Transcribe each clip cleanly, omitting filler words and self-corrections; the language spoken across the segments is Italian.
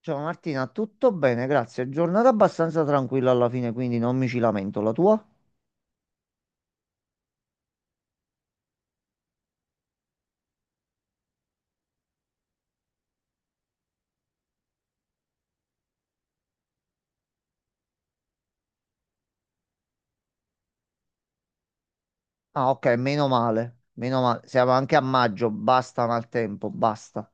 Ciao Martina, tutto bene, grazie. Giornata abbastanza tranquilla alla fine, quindi non mi ci lamento. La tua? Ah, ok, meno male. Meno male. Siamo anche a maggio, basta maltempo, basta.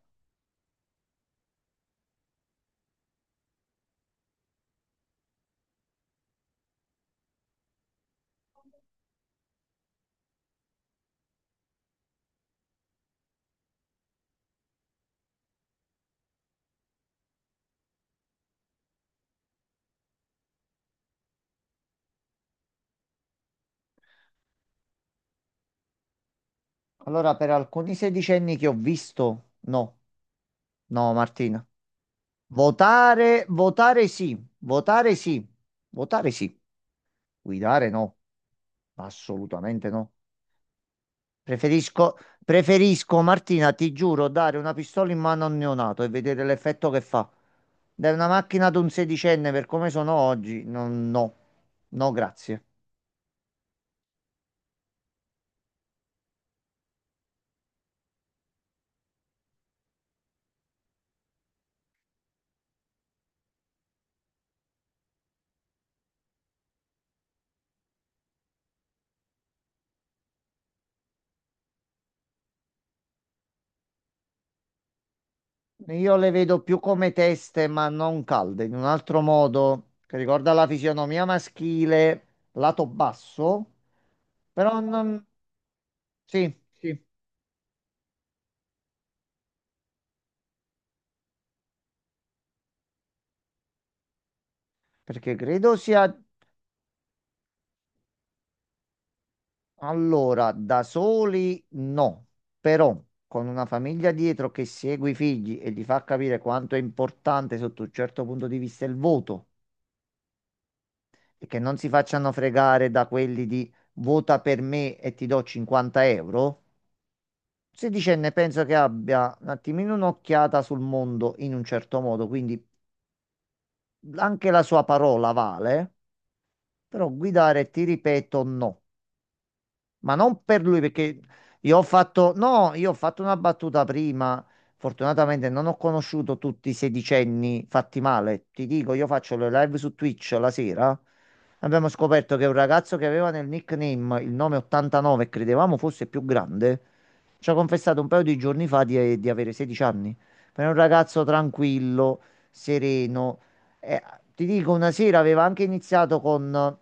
Allora, per alcuni sedicenni che ho visto, no, no, Martina. Votare, votare sì, votare sì, votare sì. Guidare no, assolutamente no. Preferisco, preferisco, Martina, ti giuro, dare una pistola in mano a un neonato e vedere l'effetto che fa. Dai una macchina ad un sedicenne per come sono oggi, no, no, no, grazie. Io le vedo più come teste, ma non calde, in un altro modo che ricorda la fisionomia maschile, lato basso, però non... Sì, sì, perché credo sia... Allora, da soli no, però con una famiglia dietro che segue i figli e gli fa capire quanto è importante sotto un certo punto di vista il voto e che non si facciano fregare da quelli di vota per me e ti do 50 euro, sedicenne penso che abbia un attimino un'occhiata sul mondo in un certo modo, quindi anche la sua parola vale, però guidare ti ripeto no. Ma non per lui perché io ho fatto, no, io ho fatto una battuta prima. Fortunatamente non ho conosciuto tutti i sedicenni fatti male. Ti dico, io faccio le live su Twitch la sera. Abbiamo scoperto che un ragazzo che aveva nel nickname il nome 89 e credevamo fosse più grande, ci ha confessato un paio di giorni fa di avere 16 anni. Ma è un ragazzo tranquillo, sereno. Eh, Ti dico, una sera aveva anche iniziato con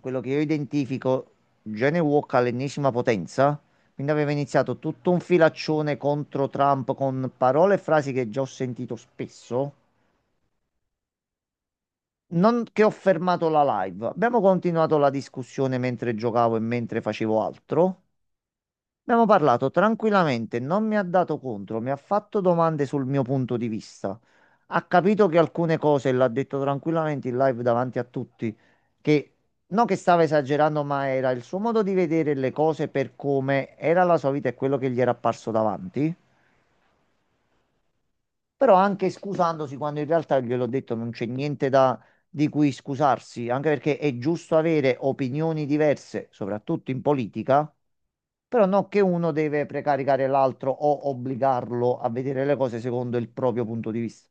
quello che io identifico. Genny Walk all'ennesima potenza. Quindi aveva iniziato tutto un filaccione contro Trump con parole e frasi che già ho sentito spesso. Non che ho fermato la live. Abbiamo continuato la discussione mentre giocavo e mentre facevo altro. Abbiamo parlato tranquillamente, non mi ha dato contro, mi ha fatto domande sul mio punto di vista. Ha capito che alcune cose, l'ha detto tranquillamente in live davanti a tutti, che non che stava esagerando, ma era il suo modo di vedere le cose per come era la sua vita e quello che gli era apparso davanti. Però anche scusandosi quando in realtà gliel'ho detto non c'è niente da, di cui scusarsi, anche perché è giusto avere opinioni diverse, soprattutto in politica. Però non che uno deve precaricare l'altro o obbligarlo a vedere le cose secondo il proprio punto di vista.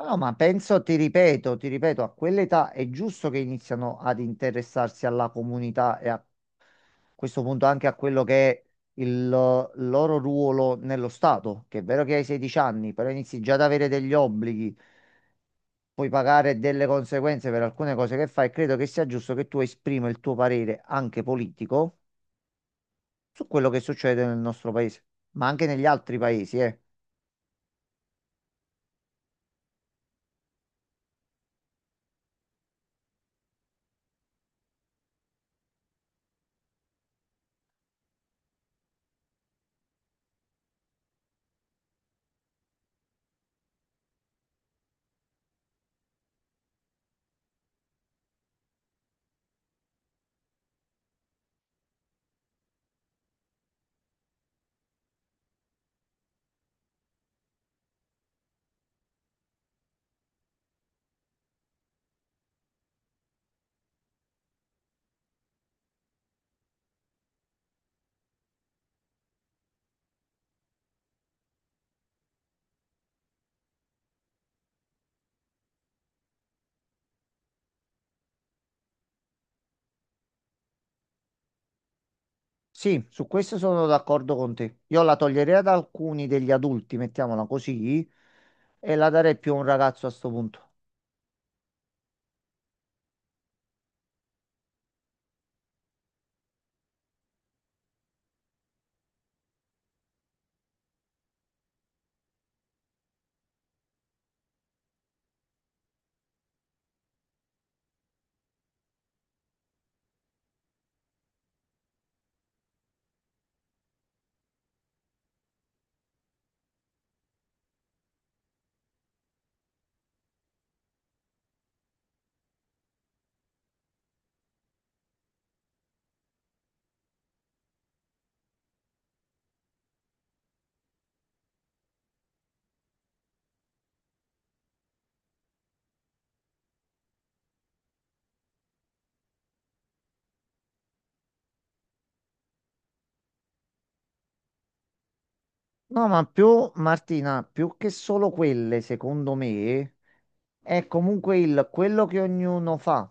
No, ma penso, ti ripeto, a quell'età è giusto che iniziano ad interessarsi alla comunità e a questo punto anche a quello che è il loro ruolo nello Stato, che è vero che hai 16 anni, però inizi già ad avere degli obblighi, puoi pagare delle conseguenze per alcune cose che fai, credo che sia giusto che tu esprima il tuo parere anche politico su quello che succede nel nostro paese, ma anche negli altri paesi, eh. Sì, su questo sono d'accordo con te. Io la toglierei ad alcuni degli adulti, mettiamola così, e la darei più a un ragazzo a sto punto. No, ma più, Martina, più che solo quelle, secondo me, è comunque il quello che ognuno fa,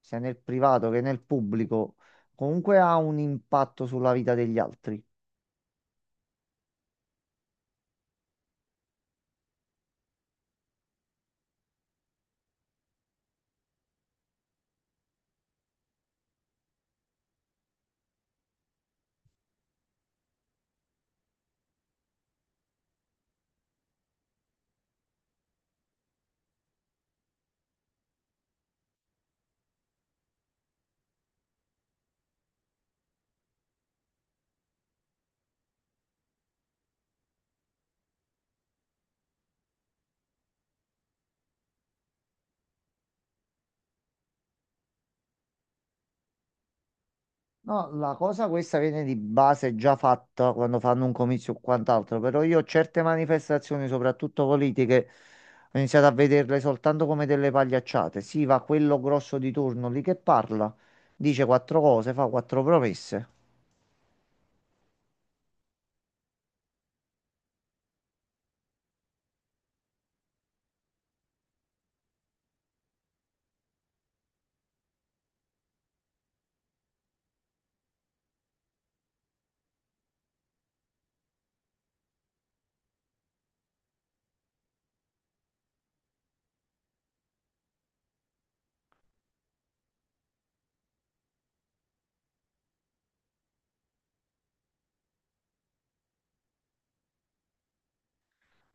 sia nel privato che nel pubblico, comunque ha un impatto sulla vita degli altri. No, la cosa questa viene di base già fatta quando fanno un comizio o quant'altro, però io certe manifestazioni, soprattutto politiche, ho iniziato a vederle soltanto come delle pagliacciate. Sì, va quello grosso di turno lì che parla, dice quattro cose, fa quattro promesse.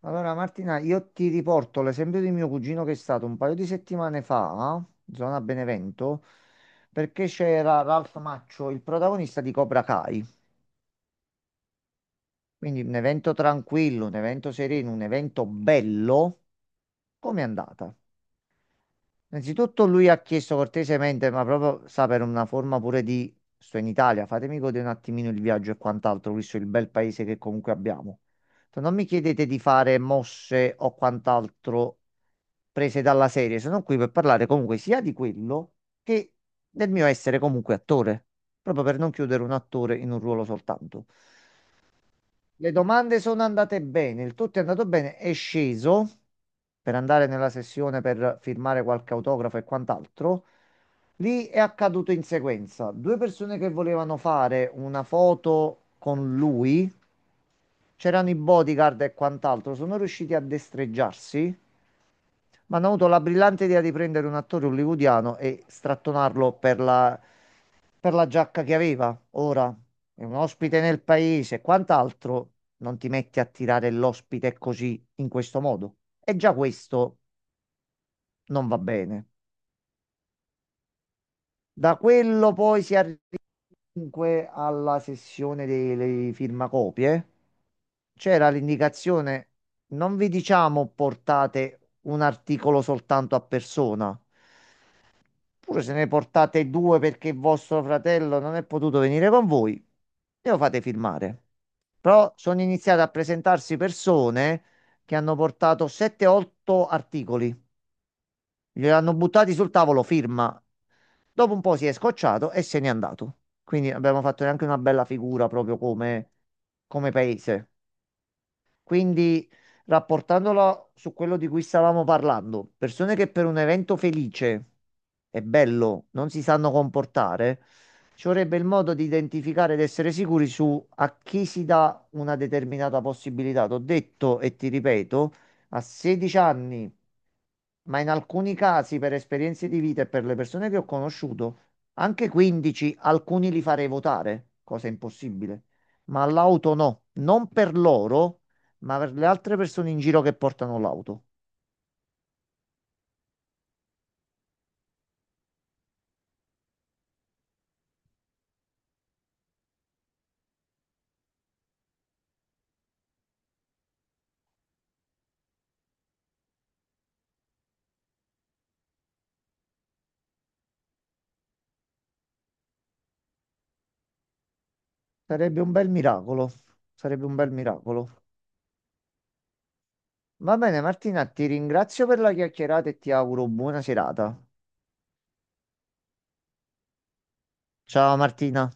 Allora Martina, io ti riporto l'esempio di mio cugino che è stato un paio di settimane fa, in zona Benevento, perché c'era Ralph Maccio, il protagonista di Cobra Kai. Quindi un evento tranquillo, un evento sereno, un evento bello. Com'è andata? Innanzitutto lui ha chiesto cortesemente, ma proprio sa per una forma pure di sto in Italia, fatemi godere un attimino il viaggio e quant'altro, visto il bel paese che comunque abbiamo. Detto, non mi chiedete di fare mosse o quant'altro prese dalla serie, sono qui per parlare comunque sia di quello che del mio essere comunque attore, proprio per non chiudere un attore in un ruolo soltanto. Le domande sono andate bene, il tutto è andato bene, è sceso per andare nella sessione per firmare qualche autografo e quant'altro. Lì è accaduto in sequenza. Due persone che volevano fare una foto con lui, c'erano i bodyguard e quant'altro, sono riusciti a destreggiarsi, ma hanno avuto la brillante idea di prendere un attore hollywoodiano e strattonarlo per la giacca che aveva. Ora è un ospite nel paese, e quant'altro. Non ti metti a tirare l'ospite così, in questo modo. E già questo non va bene. Da quello poi si arriva comunque alla sessione delle firmacopie. C'era l'indicazione, non vi diciamo portate un articolo soltanto a persona. Pure se ne portate due perché vostro fratello non è potuto venire con voi, e lo fate firmare. Però sono iniziate a presentarsi persone che hanno portato 7-8 articoli, gliel'hanno buttati sul tavolo, firma. Dopo un po' si è scocciato e se n'è andato. Quindi abbiamo fatto neanche una bella figura proprio come, come paese. Quindi, rapportandolo su quello di cui stavamo parlando, persone che per un evento felice e bello non si sanno comportare, ci vorrebbe il modo di identificare ed essere sicuri su a chi si dà una determinata possibilità. T'ho detto e ti ripeto, a 16 anni, ma in alcuni casi per esperienze di vita e per le persone che ho conosciuto, anche 15, alcuni li farei votare, cosa impossibile ma all'auto no, non per loro, ma per le altre persone in giro che portano l'auto. Sarebbe un bel miracolo. Sarebbe un bel miracolo. Va bene, Martina, ti ringrazio per la chiacchierata e ti auguro buona serata. Ciao Martina.